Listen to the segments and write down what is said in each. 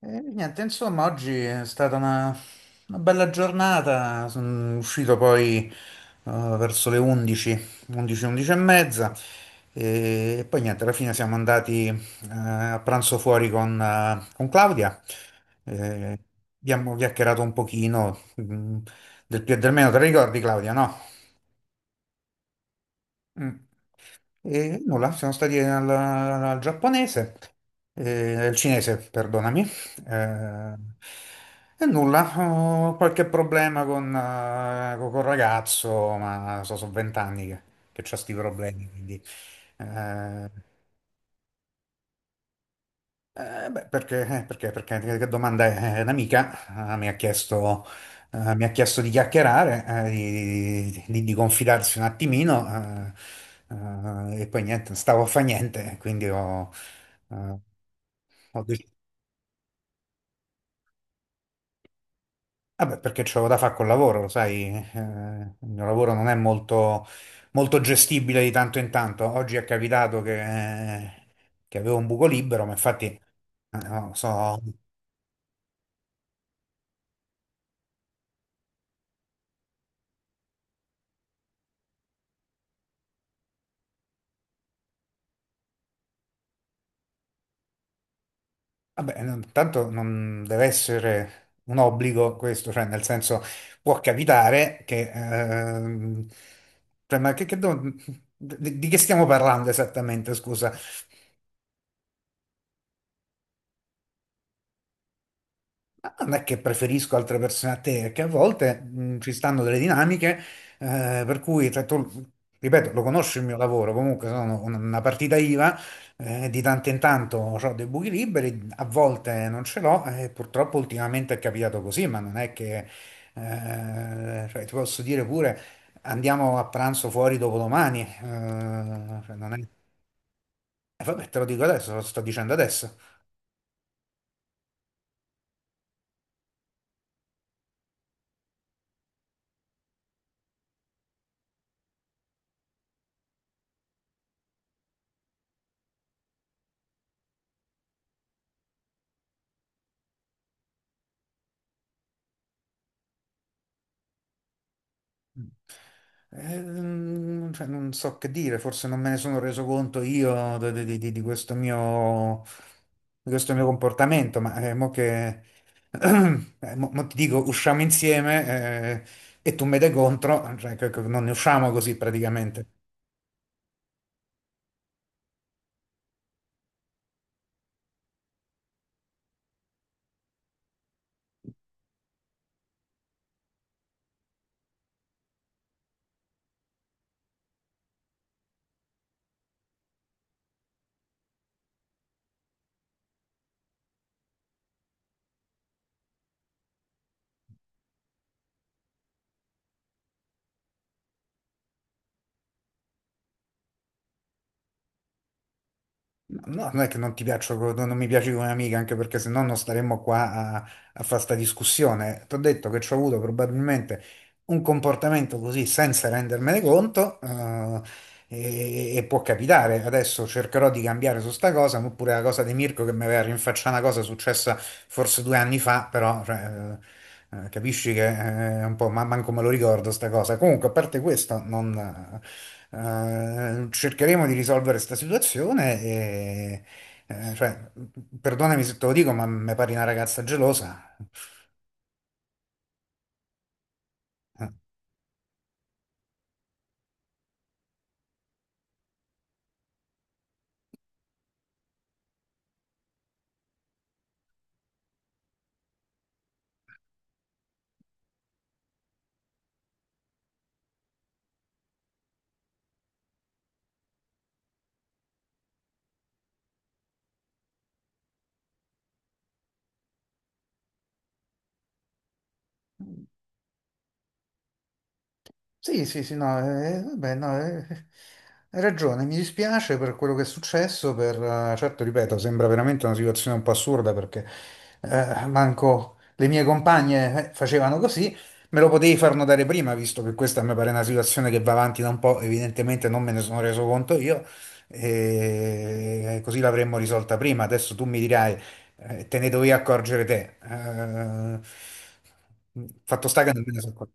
E niente, insomma, oggi è stata una bella giornata. Sono uscito poi verso le 11, 11, 11 e mezza. E poi niente, alla fine siamo andati a pranzo fuori con Claudia. Eh, abbiamo chiacchierato un pochino del più e del meno. Te la ricordi, Claudia, no? Mm. E nulla, siamo stati al giapponese, al cinese, perdonami. eh, e nulla, ho qualche problema col ragazzo, ma sono 20 anni che ho questi problemi, quindi. Eh, eh, beh, perché, che domanda è? Un'amica mi ha chiesto di chiacchierare, di confidarsi un attimino. E poi niente, non stavo a fa niente, quindi eh, ho deciso. Vabbè, perché c'avevo da fare col lavoro, lo sai, il mio lavoro non è molto, molto gestibile di tanto in tanto. Oggi è capitato che avevo un buco libero, ma infatti. No, vabbè, tanto non deve essere un obbligo questo, cioè nel senso può capitare che, cioè, ma di che stiamo parlando esattamente, scusa? Non è che preferisco altre persone a te, è che a volte ci stanno delle dinamiche per cui, cioè, tu, ripeto, lo conosci il mio lavoro, comunque sono una partita IVA, di tanto in tanto ho dei buchi liberi, a volte non ce l'ho e purtroppo ultimamente è capitato così, ma non è che, cioè, ti posso dire pure andiamo a pranzo fuori dopodomani, cioè, non è, vabbè, te lo dico adesso, lo sto dicendo adesso. Ehm, cioè, non so che dire, forse non me ne sono reso conto io di, di questo mio comportamento, ma mo che mo ti dico, usciamo insieme e tu me dai contro, cioè, che non ne usciamo così praticamente. No, non è che non ti piaccio, non mi piaci come amica, anche perché se no non staremmo qua a, a fare sta discussione. Ti ho detto che ci ho avuto probabilmente un comportamento così senza rendermene conto, e può capitare. Adesso cercherò di cambiare su sta cosa, oppure la cosa di Mirko che mi aveva rinfacciato una cosa successa forse 2 anni fa, però cioè, capisci che è un po', ma manco me lo ricordo sta cosa. Comunque, a parte questo, non, cercheremo di risolvere sta situazione e, cioè, perdonami se te lo dico, ma mi pare una ragazza gelosa. Eh. Sì, sì, sì, no, vabbè, no, hai ragione, mi dispiace per quello che è successo, certo, ripeto, sembra veramente una situazione un po' assurda perché manco le mie compagne facevano così, me lo potevi far notare prima, visto che questa mi pare una situazione che va avanti da un po', evidentemente non me ne sono reso conto io, e così l'avremmo risolta prima, adesso tu mi dirai, te ne dovevi accorgere te. Fatto sta che non me ne sono accorto.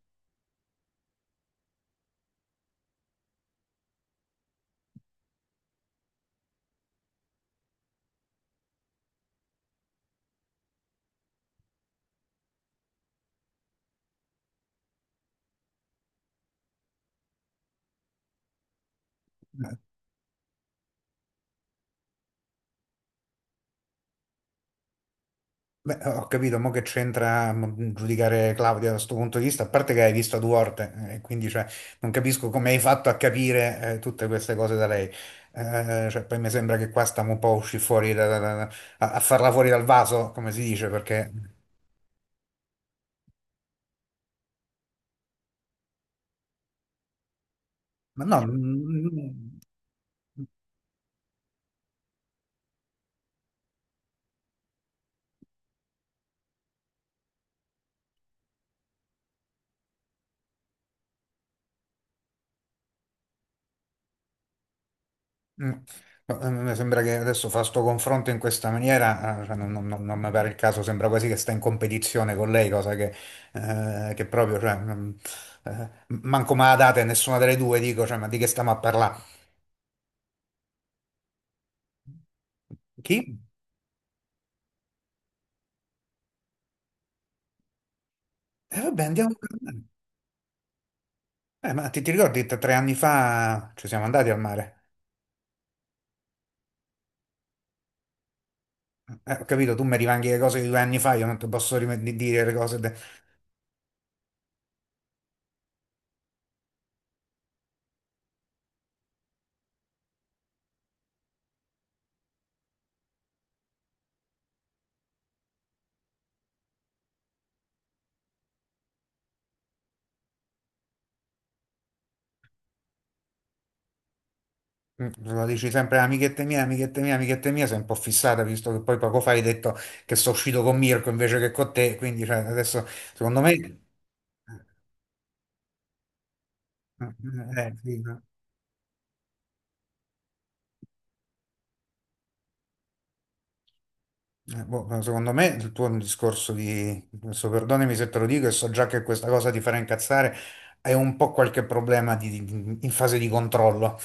Beh, ho capito, mo che c'entra giudicare Claudia da questo punto di vista, a parte che hai visto due volte, quindi cioè, non capisco come hai fatto a capire tutte queste cose da lei. Cioè, poi mi sembra che qua stiamo un po' usci fuori a farla fuori dal vaso, come si dice, perché. Ma no, Mm. No, mi sembra che adesso fa sto confronto in questa maniera, cioè, non mi pare il caso, sembra quasi che sta in competizione con lei, cosa che proprio, cioè, manco me la date nessuna delle due, dico, cioè, ma di che stiamo a parlare? Chi? Vabbè, andiamo a parlare. Ma ti ricordi, tre anni fa ci siamo andati al mare? Ho capito, tu mi rivanghi le cose di 2 anni fa, io non ti posso dire le cose. Lo dici sempre amichette mia, amichette mia, amichette mia, sei un po' fissata, visto che poi poco fa hai detto che sono uscito con Mirko invece che con te, quindi cioè, adesso secondo me. Sì, no. Boh, ma secondo me il tuo è un discorso di, adesso perdonami se te lo dico e so già che questa cosa ti farà incazzare, è un po' qualche problema in fase di controllo,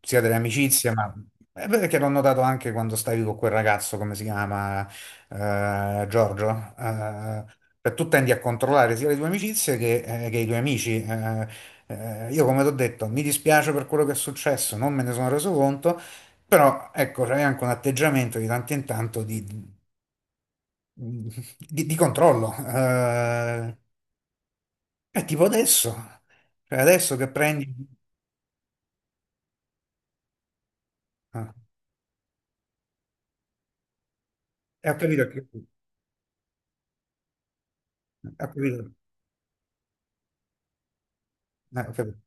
sia delle amicizie, ma è vero che l'ho notato anche quando stavi con quel ragazzo, come si chiama, Giorgio, eh, cioè tu tendi a controllare sia le tue amicizie che i tuoi amici. Io come ti ho detto, mi dispiace per quello che è successo, non me ne sono reso conto. Però ecco, c'è anche un atteggiamento di tanto in tanto mh, di controllo. È tipo adesso, cioè adesso che prendi. Ah, ho capito, ho capito, ho capito,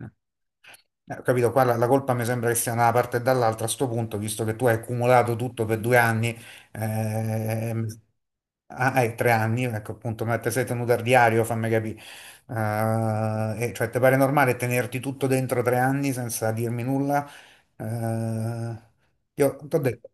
eh, ho capito, qua la colpa mi sembra che sia da una parte e dall'altra a sto punto, visto che tu hai accumulato tutto per 2 anni, ehm, ah, hai 3 anni, ecco appunto, ma te sei tenuto al diario, fammi capire. E cioè, ti pare normale tenerti tutto dentro 3 anni senza dirmi nulla? Eh, io t'ho detto,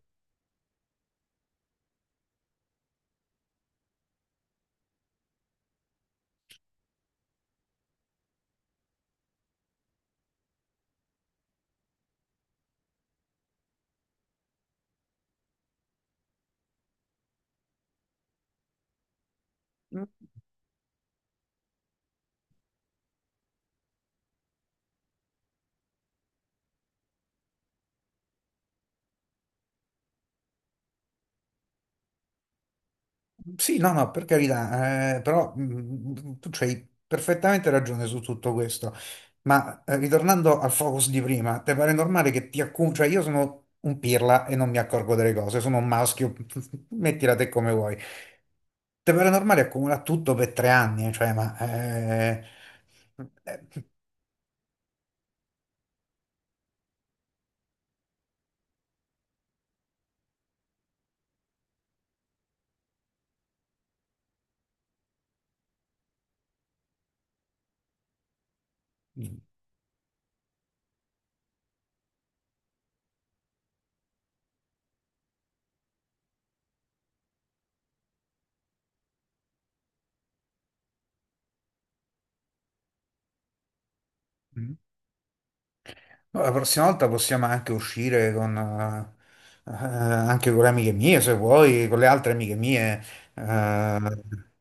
sì, no, no, per carità, però tu c'hai perfettamente ragione su tutto questo, ma ritornando al focus di prima, te pare normale che ti accumuli, cioè io sono un pirla e non mi accorgo delle cose, sono un maschio, mettila te come vuoi. Te pare normale accumulare tutto per 3 anni, cioè, ma, eh, no, la prossima volta possiamo anche uscire anche con le amiche mie, se vuoi, con le altre amiche mie. eh,